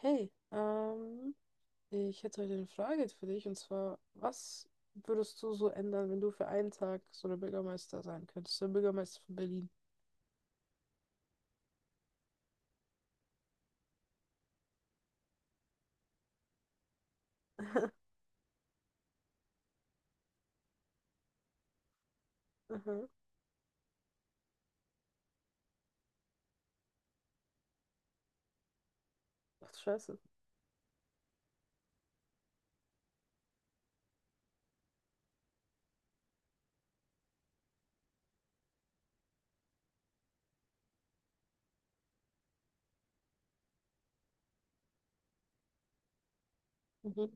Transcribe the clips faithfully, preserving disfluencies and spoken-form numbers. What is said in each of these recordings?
Hey, ähm, ich hätte heute eine Frage für dich und zwar, was würdest du so ändern, wenn du für einen Tag so der Bürgermeister sein könntest? Der Bürgermeister von Berlin. Aha. Ach, du Scheiße. Mhm.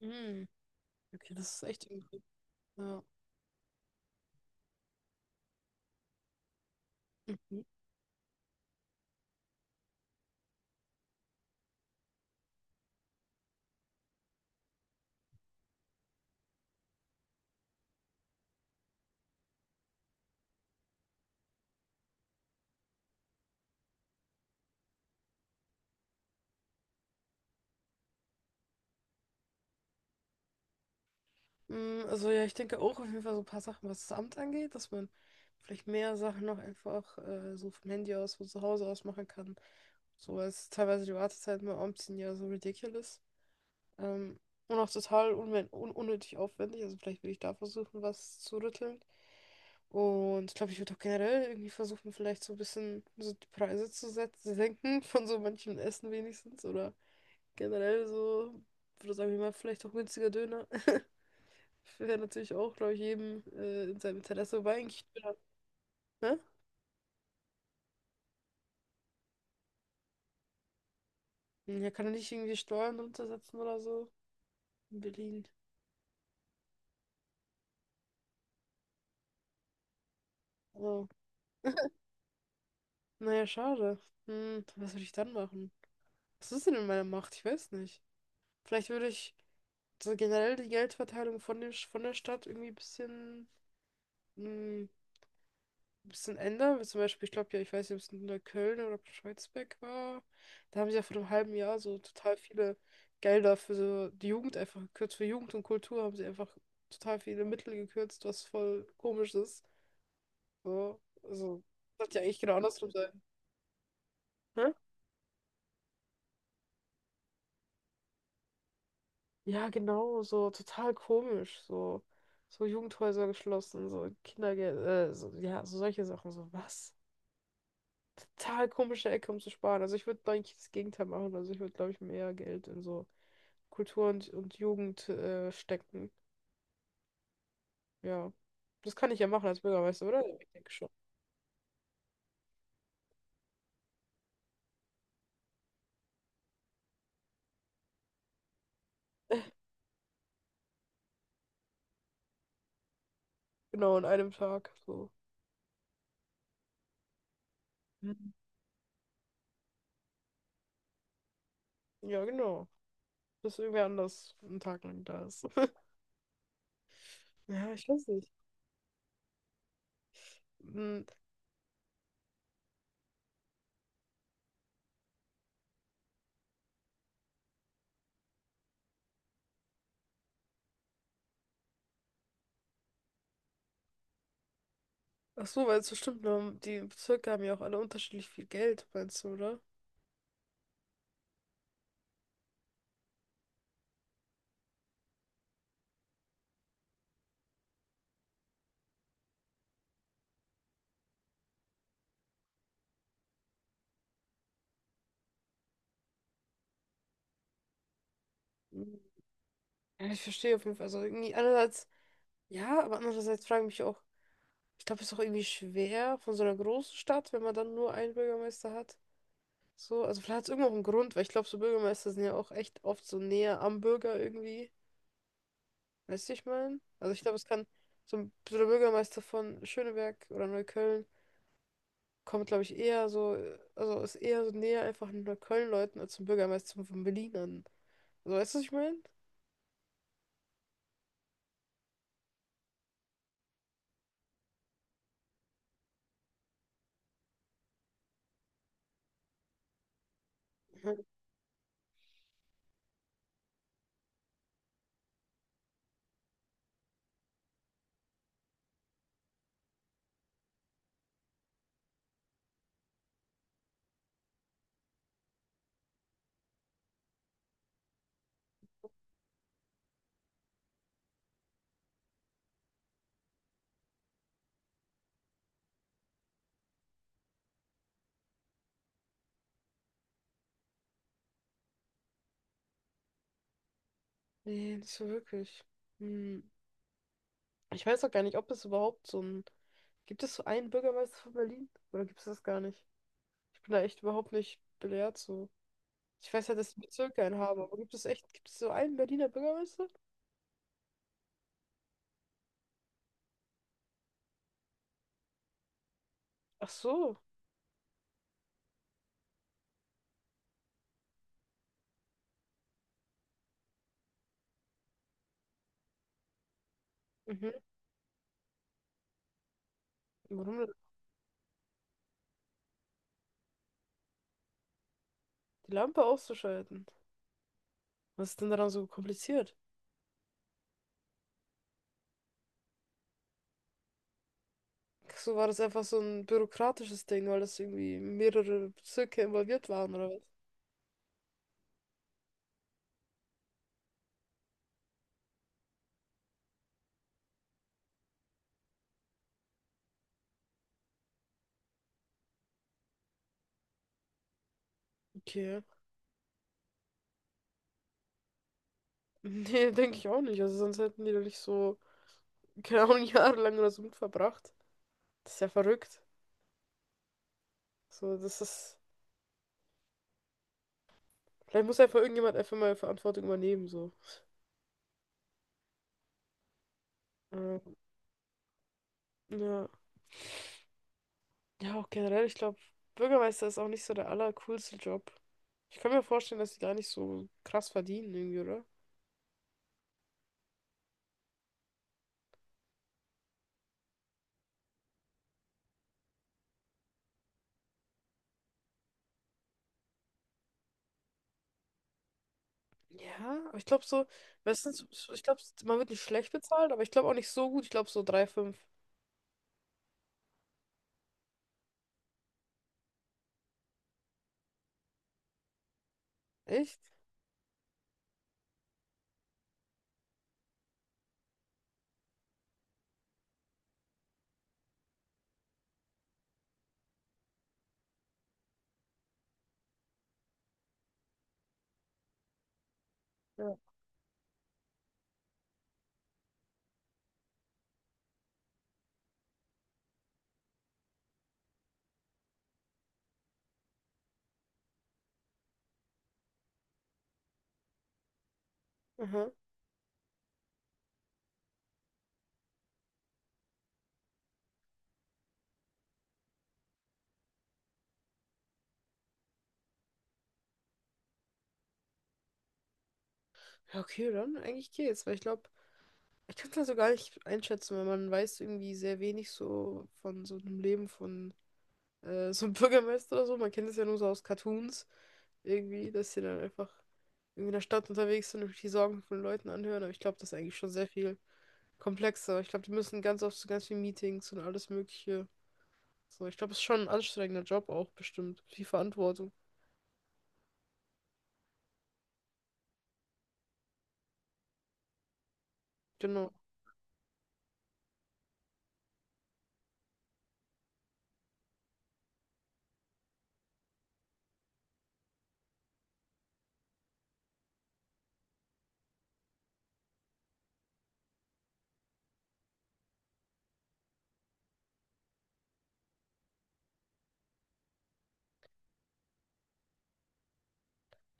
Mhm. Okay, das ist echt irgendwie. Ja. Mhm. Mm, also ja, ich denke auch auf jeden Fall so ein paar Sachen, was das Amt angeht, dass man vielleicht mehr Sachen noch einfach äh, so vom Handy aus, von zu Hause aus machen kann. So, weil es teilweise die Wartezeiten beim Amt sind ja so ridiculous. Ähm, und auch total unwen- un unnötig aufwendig. Also vielleicht würde ich da versuchen, was zu rütteln. Und ich glaube, ich würde auch generell irgendwie versuchen, vielleicht so ein bisschen so die Preise zu setzen, zu senken von so manchem Essen wenigstens. Oder generell so, würde sagen wir mal, vielleicht auch günstiger Döner. Wäre natürlich auch, glaube ich, jedem äh, in seinem Interesse. Wobei eigentlich Döner, ne? Ja, kann er nicht irgendwie Steuern runtersetzen oder so. In Berlin. Oh. Naja, schade. Hm, was würde ich dann machen? Was ist denn in meiner Macht? Ich weiß nicht. Vielleicht würde ich so generell die Geldverteilung von dem, von der Stadt irgendwie ein bisschen, mm, ein bisschen ändern. Wie zum Beispiel, ich glaube ja, ich weiß nicht, ob es in der Köln oder ob war. Da haben sie ja vor einem halben Jahr so total viele Gelder für so die Jugend einfach gekürzt. Für Jugend und Kultur haben sie einfach total viele Mittel gekürzt, was voll komisch ist. So, also das sollte ja eigentlich genau andersrum sein. Hä? Ja, genau, so total komisch, so so Jugendhäuser geschlossen, so Kindergeld, äh, so, ja, so solche Sachen, so was? Total komische Ecke, um zu sparen. Also ich würde eigentlich das Gegenteil machen, also ich würde, glaube ich, mehr Geld in so Kultur und, und Jugend äh, stecken. Ja, das kann ich ja machen als Bürgermeister, oder? Ich denke schon. Genau, in einem Tag, so. Mhm. Ja, genau. Bis irgendwer anders einen Tag lang da ist. Ja, ich weiß nicht. Mm, ach so, weil es so stimmt, ne, die Bezirke haben ja auch alle unterschiedlich viel Geld, meinst du, oder? Mhm. Ja, ich verstehe auf jeden Fall. Also irgendwie einerseits ja, aber andererseits frage ich mich auch, ich glaube, es ist auch irgendwie schwer von so einer großen Stadt, wenn man dann nur einen Bürgermeister hat. So, also vielleicht hat es irgendwo auch einen Grund, weil ich glaube, so Bürgermeister sind ja auch echt oft so näher am Bürger irgendwie. Weißt du, ich meine? Also ich glaube, es kann so ein so der Bürgermeister von Schöneberg oder Neukölln kommt, glaube ich, eher so, äh, also ist eher so näher einfach an den Neukölln-Leuten als zum Bürgermeister von Berlin an. So, weißt du, was ich meine? Nee, nicht so wirklich. Hm. Ich weiß auch gar nicht, ob es überhaupt so ein. Gibt es so einen Bürgermeister von Berlin? Oder gibt es das gar nicht? Ich bin da echt überhaupt nicht belehrt so. Ich weiß halt, dass die Bezirke einen haben, aber gibt es echt, gibt es so einen Berliner Bürgermeister? Ach so. Mhm. Warum denn? Die Lampe auszuschalten. Was ist denn daran so kompliziert? Ach, so war das einfach so ein bürokratisches Ding, weil das irgendwie mehrere Bezirke involviert waren, oder was? Okay. Nee, denke ich auch nicht. Also sonst hätten die da nicht so keine Ahnung, lang oder so mit verbracht. Das ist ja verrückt. So, das ist. Vielleicht muss einfach irgendjemand einfach mal Verantwortung übernehmen, so. Ähm, ja. Ja, auch generell, ich glaube, Bürgermeister ist auch nicht so der allercoolste Job. Ich kann mir vorstellen, dass die gar nicht so krass verdienen, irgendwie, oder? Ja, aber ich glaube so, meistens, ich glaube, man wird nicht schlecht bezahlt, aber ich glaube auch nicht so gut. Ich glaube so drei Komma fünf. Echt? Ja. Aha. Ja, okay, dann eigentlich geht's, weil ich glaube, ich kann es also gar nicht einschätzen, weil man weiß irgendwie sehr wenig so von so einem Leben von äh, so einem Bürgermeister oder so. Man kennt es ja nur so aus Cartoons irgendwie, dass sie dann einfach irgendwie in der Stadt unterwegs sind und sich die Sorgen von Leuten anhören. Aber ich glaube, das ist eigentlich schon sehr viel komplexer. Ich glaube, die müssen ganz oft zu ganz vielen Meetings und alles Mögliche. So, ich glaube, es ist schon ein anstrengender Job auch bestimmt. Viel Verantwortung. Genau.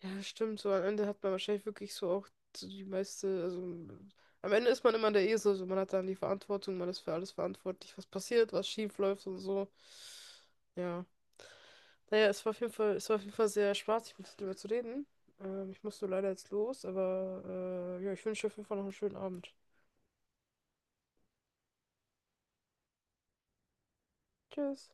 Ja, stimmt, so am Ende hat man wahrscheinlich wirklich so auch so die meiste, also m- am Ende ist man immer der Esel, also man hat dann die Verantwortung, man ist für alles verantwortlich, was passiert, was schief läuft und so. Ja. Naja, es war auf jeden Fall, es war auf jeden Fall sehr spaßig, mit dir darüber zu reden. Ähm, ich muss so leider jetzt los, aber äh, ja, ich wünsche dir auf jeden Fall noch einen schönen Abend. Tschüss.